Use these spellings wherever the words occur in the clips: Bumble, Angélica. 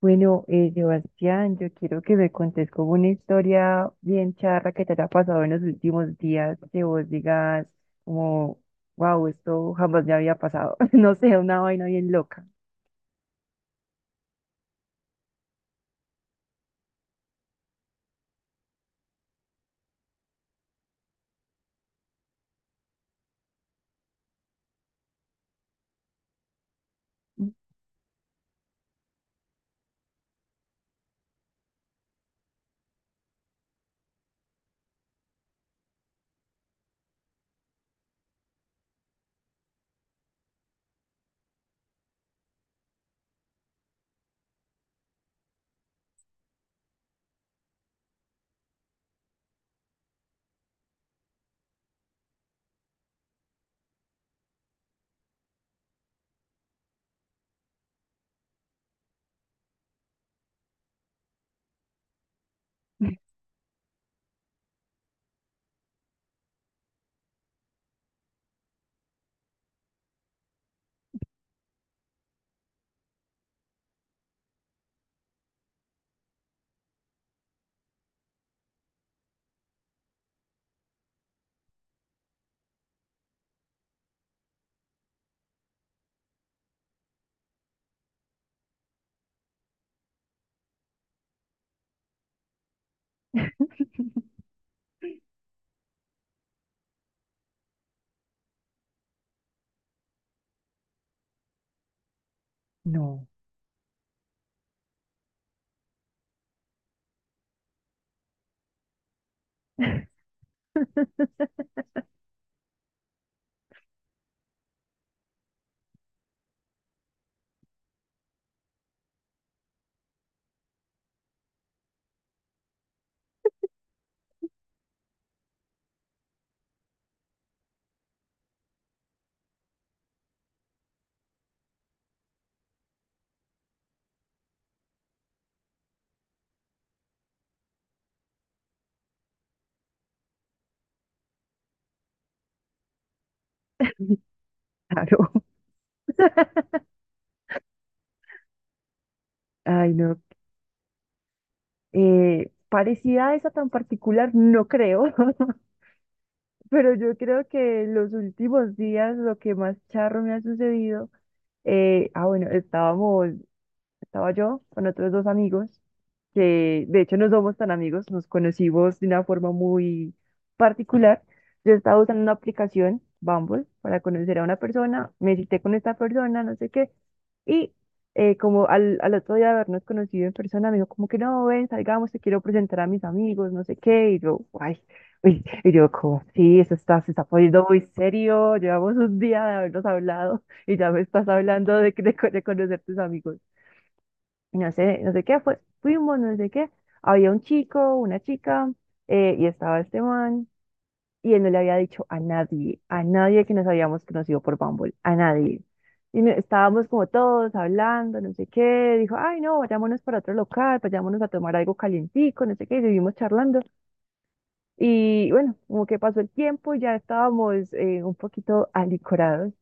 Bueno, Sebastián, yo quiero que me contes como una historia bien charra que te haya pasado en los últimos días, que vos digas como, wow, esto jamás me había pasado. No sé, una vaina bien loca. No, claro. Ay, no. Parecida a esa tan particular, no creo, pero yo creo que en los últimos días lo que más charro me ha sucedido, bueno, estábamos estaba yo con otros dos amigos, que de hecho no somos tan amigos, nos conocimos de una forma muy particular. Yo estaba usando una aplicación, Bumble, para conocer a una persona, me cité con esta persona, no sé qué, y como al otro día de habernos conocido en persona, me dijo como que no, ven, salgamos, te quiero presentar a mis amigos, no sé qué, y yo, ay, uy, y yo como, sí, eso está, se está poniendo muy serio, llevamos un día de habernos hablado y ya me estás hablando de, de conocer tus amigos. No sé, no sé qué, fue, fuimos, no sé qué, había un chico, una chica, y estaba este man, y él no le había dicho a nadie que nos habíamos conocido por Bumble, a nadie. Estábamos como todos hablando, no sé qué, dijo, ay no, vayámonos para otro local, vayámonos a tomar algo calientico, no sé qué, y seguimos charlando. Y bueno, como que pasó el tiempo, ya estábamos un poquito alicorados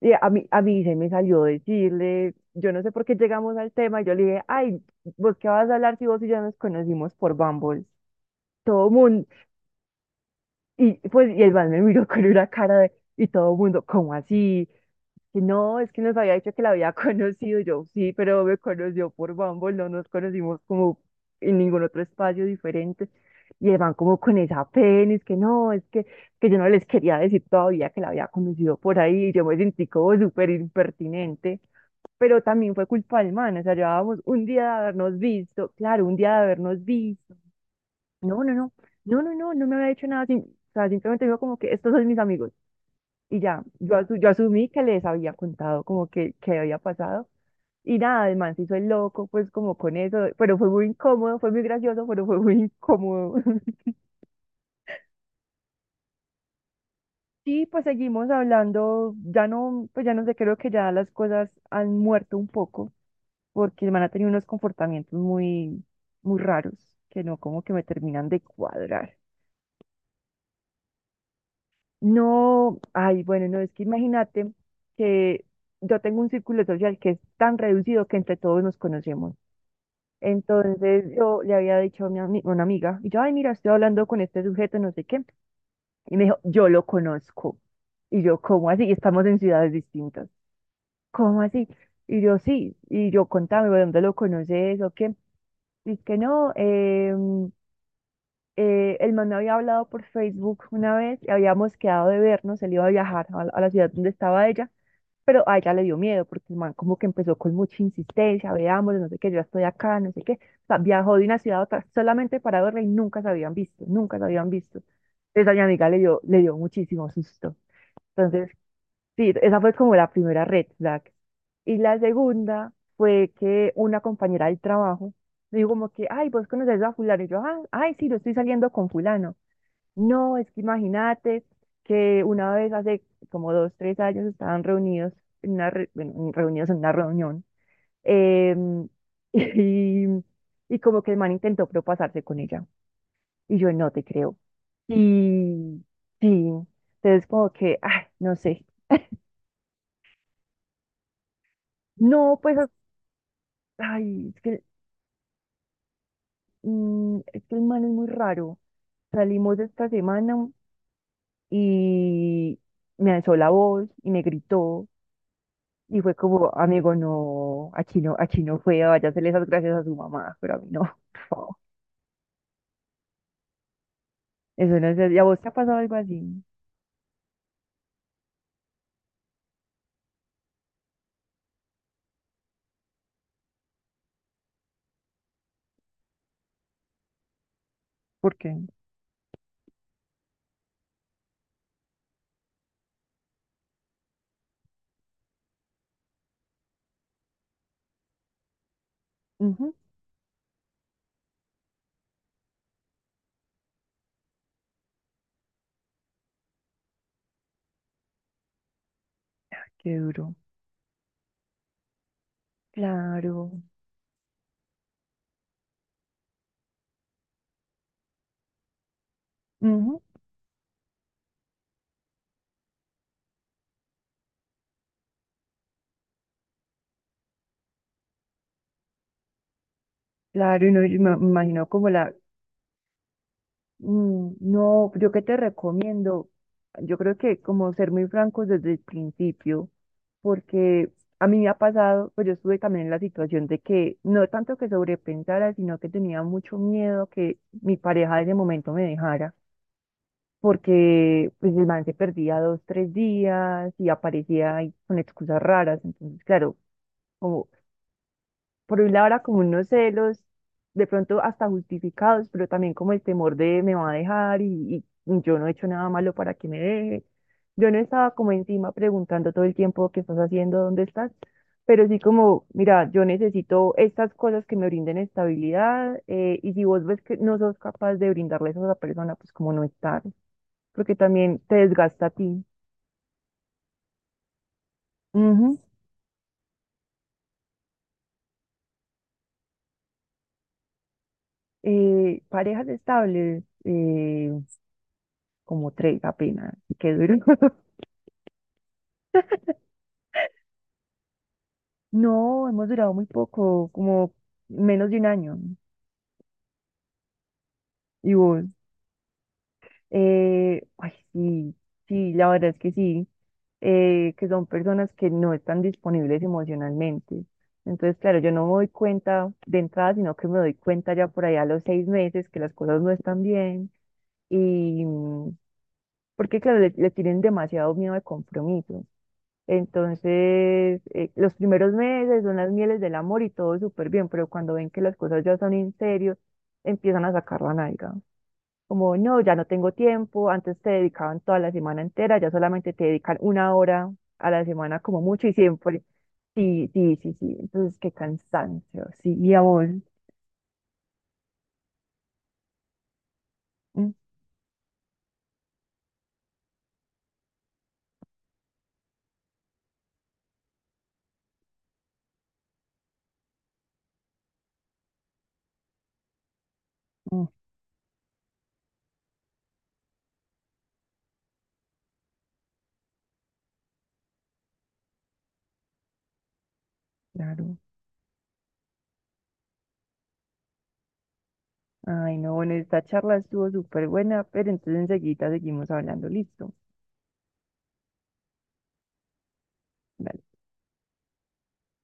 y a mí se me salió decirle, yo no sé por qué llegamos al tema, y yo le dije, ay, ¿vos qué vas a hablar si vos y yo nos conocimos por Bumble? Todo mundo, y pues, y el man me miró con una cara de, y todo mundo, ¿cómo así? Que no, es que nos había dicho que la había conocido. Y yo sí, pero me conoció por Bumble, no nos conocimos como en ningún otro espacio diferente. Y el man como con esa pena, es que no, es que yo no les quería decir todavía que la había conocido por ahí, y yo me sentí como súper impertinente, pero también fue culpa del man, o sea, llevábamos un día de habernos visto, claro, un día de habernos visto. No, no, no, no, no, no, no me había hecho nada, o sea, simplemente dijo como que estos son mis amigos y ya, yo, yo asumí que les había contado como que había pasado. Y nada, el man se hizo el loco, pues como con eso, pero fue muy incómodo, fue muy gracioso, pero fue muy incómodo. Sí, pues seguimos hablando, ya no, pues ya no sé, creo que ya las cosas han muerto un poco porque el man ha tenido unos comportamientos muy, muy raros que no como que me terminan de cuadrar. No, ay, bueno, no, es que imagínate que yo tengo un círculo social que es tan reducido que entre todos nos conocemos. Entonces yo le había dicho a mi una amiga, y yo, ay, mira, estoy hablando con este sujeto, no sé qué, y me dijo, yo lo conozco. Y yo, ¿cómo así? Y estamos en ciudades distintas. ¿Cómo así? Y yo, sí, y yo, contame, ¿de ¿dónde lo conoces o qué? Y es que no, el man me había hablado por Facebook una vez y habíamos quedado de vernos, él iba a viajar a la ciudad donde estaba ella, pero a ella le dio miedo porque el man como que empezó con mucha insistencia, veamos, no sé qué, yo ya estoy acá, no sé qué. O sea, viajó de una ciudad a otra solamente para verla y nunca se habían visto, nunca se habían visto. Entonces a mi amiga le dio muchísimo susto. Entonces, sí, esa fue como la primera red flag. Y la segunda fue que una compañera del trabajo me dijo como que, ay, vos conoces a fulano. Y yo, ah, ay, sí, yo estoy saliendo con fulano. No, es que imagínate que una vez hace como dos, tres años estaban reunidos bueno, reunidos en una reunión em, y, y como que el man intentó propasarse con ella y yo no te creo. Y sí, entonces como que, ay, no sé. No, pues, ay, es que, es que el man es muy raro. Salimos esta semana y me alzó la voz y me gritó. Y fue como, amigo, no, a Chino fue, vaya a hacerle esas gracias a su mamá, pero a mí no, por favor. Eso no es, ¿y a vos te ha pasado algo así? ¿Por qué? Ujú, qué duro. Claro, ujú, claro, y no, y me imagino como la, mm, no, yo qué te recomiendo, yo creo que como ser muy francos desde el principio, porque a mí me ha pasado, pues yo estuve también en la situación de que no tanto que sobrepensara, sino que tenía mucho miedo que mi pareja de ese momento me dejara porque pues el man se perdía dos, tres días y aparecía ahí con excusas raras. Entonces, claro, como por un lado era como unos celos, de pronto hasta justificados, pero también como el temor de me va a dejar y yo no he hecho nada malo para que me deje. Yo no estaba como encima preguntando todo el tiempo qué estás haciendo, dónde estás, pero sí como, mira, yo necesito estas cosas que me brinden estabilidad, y si vos ves que no sos capaz de brindarle eso a esa persona, pues como no estar porque también te desgasta a ti. Ujú. Parejas estables, como tres apenas, qué duro. No, hemos durado muy poco, como menos de 1 año. ¿Y vos? Ay, sí, sí, la verdad es que sí, que son personas que no están disponibles emocionalmente. Entonces, claro, yo no me doy cuenta de entrada, sino que me doy cuenta ya por allá a los 6 meses que las cosas no están bien. Y, porque claro, le tienen demasiado miedo al compromiso. Entonces, los primeros meses son las mieles del amor y todo súper bien, pero cuando ven que las cosas ya son en serio, empiezan a sacar la nalga. Como, no, ya no tengo tiempo, antes te dedicaban toda la semana entera, ya solamente te dedican una hora a la semana como mucho y siempre. Sí, sí, sí, sí. Entonces, qué cansancio. Sí, y a vos. Mm, mm, claro. Ay, no, bueno, esta charla estuvo súper buena, pero entonces enseguida seguimos hablando. Listo. Dale.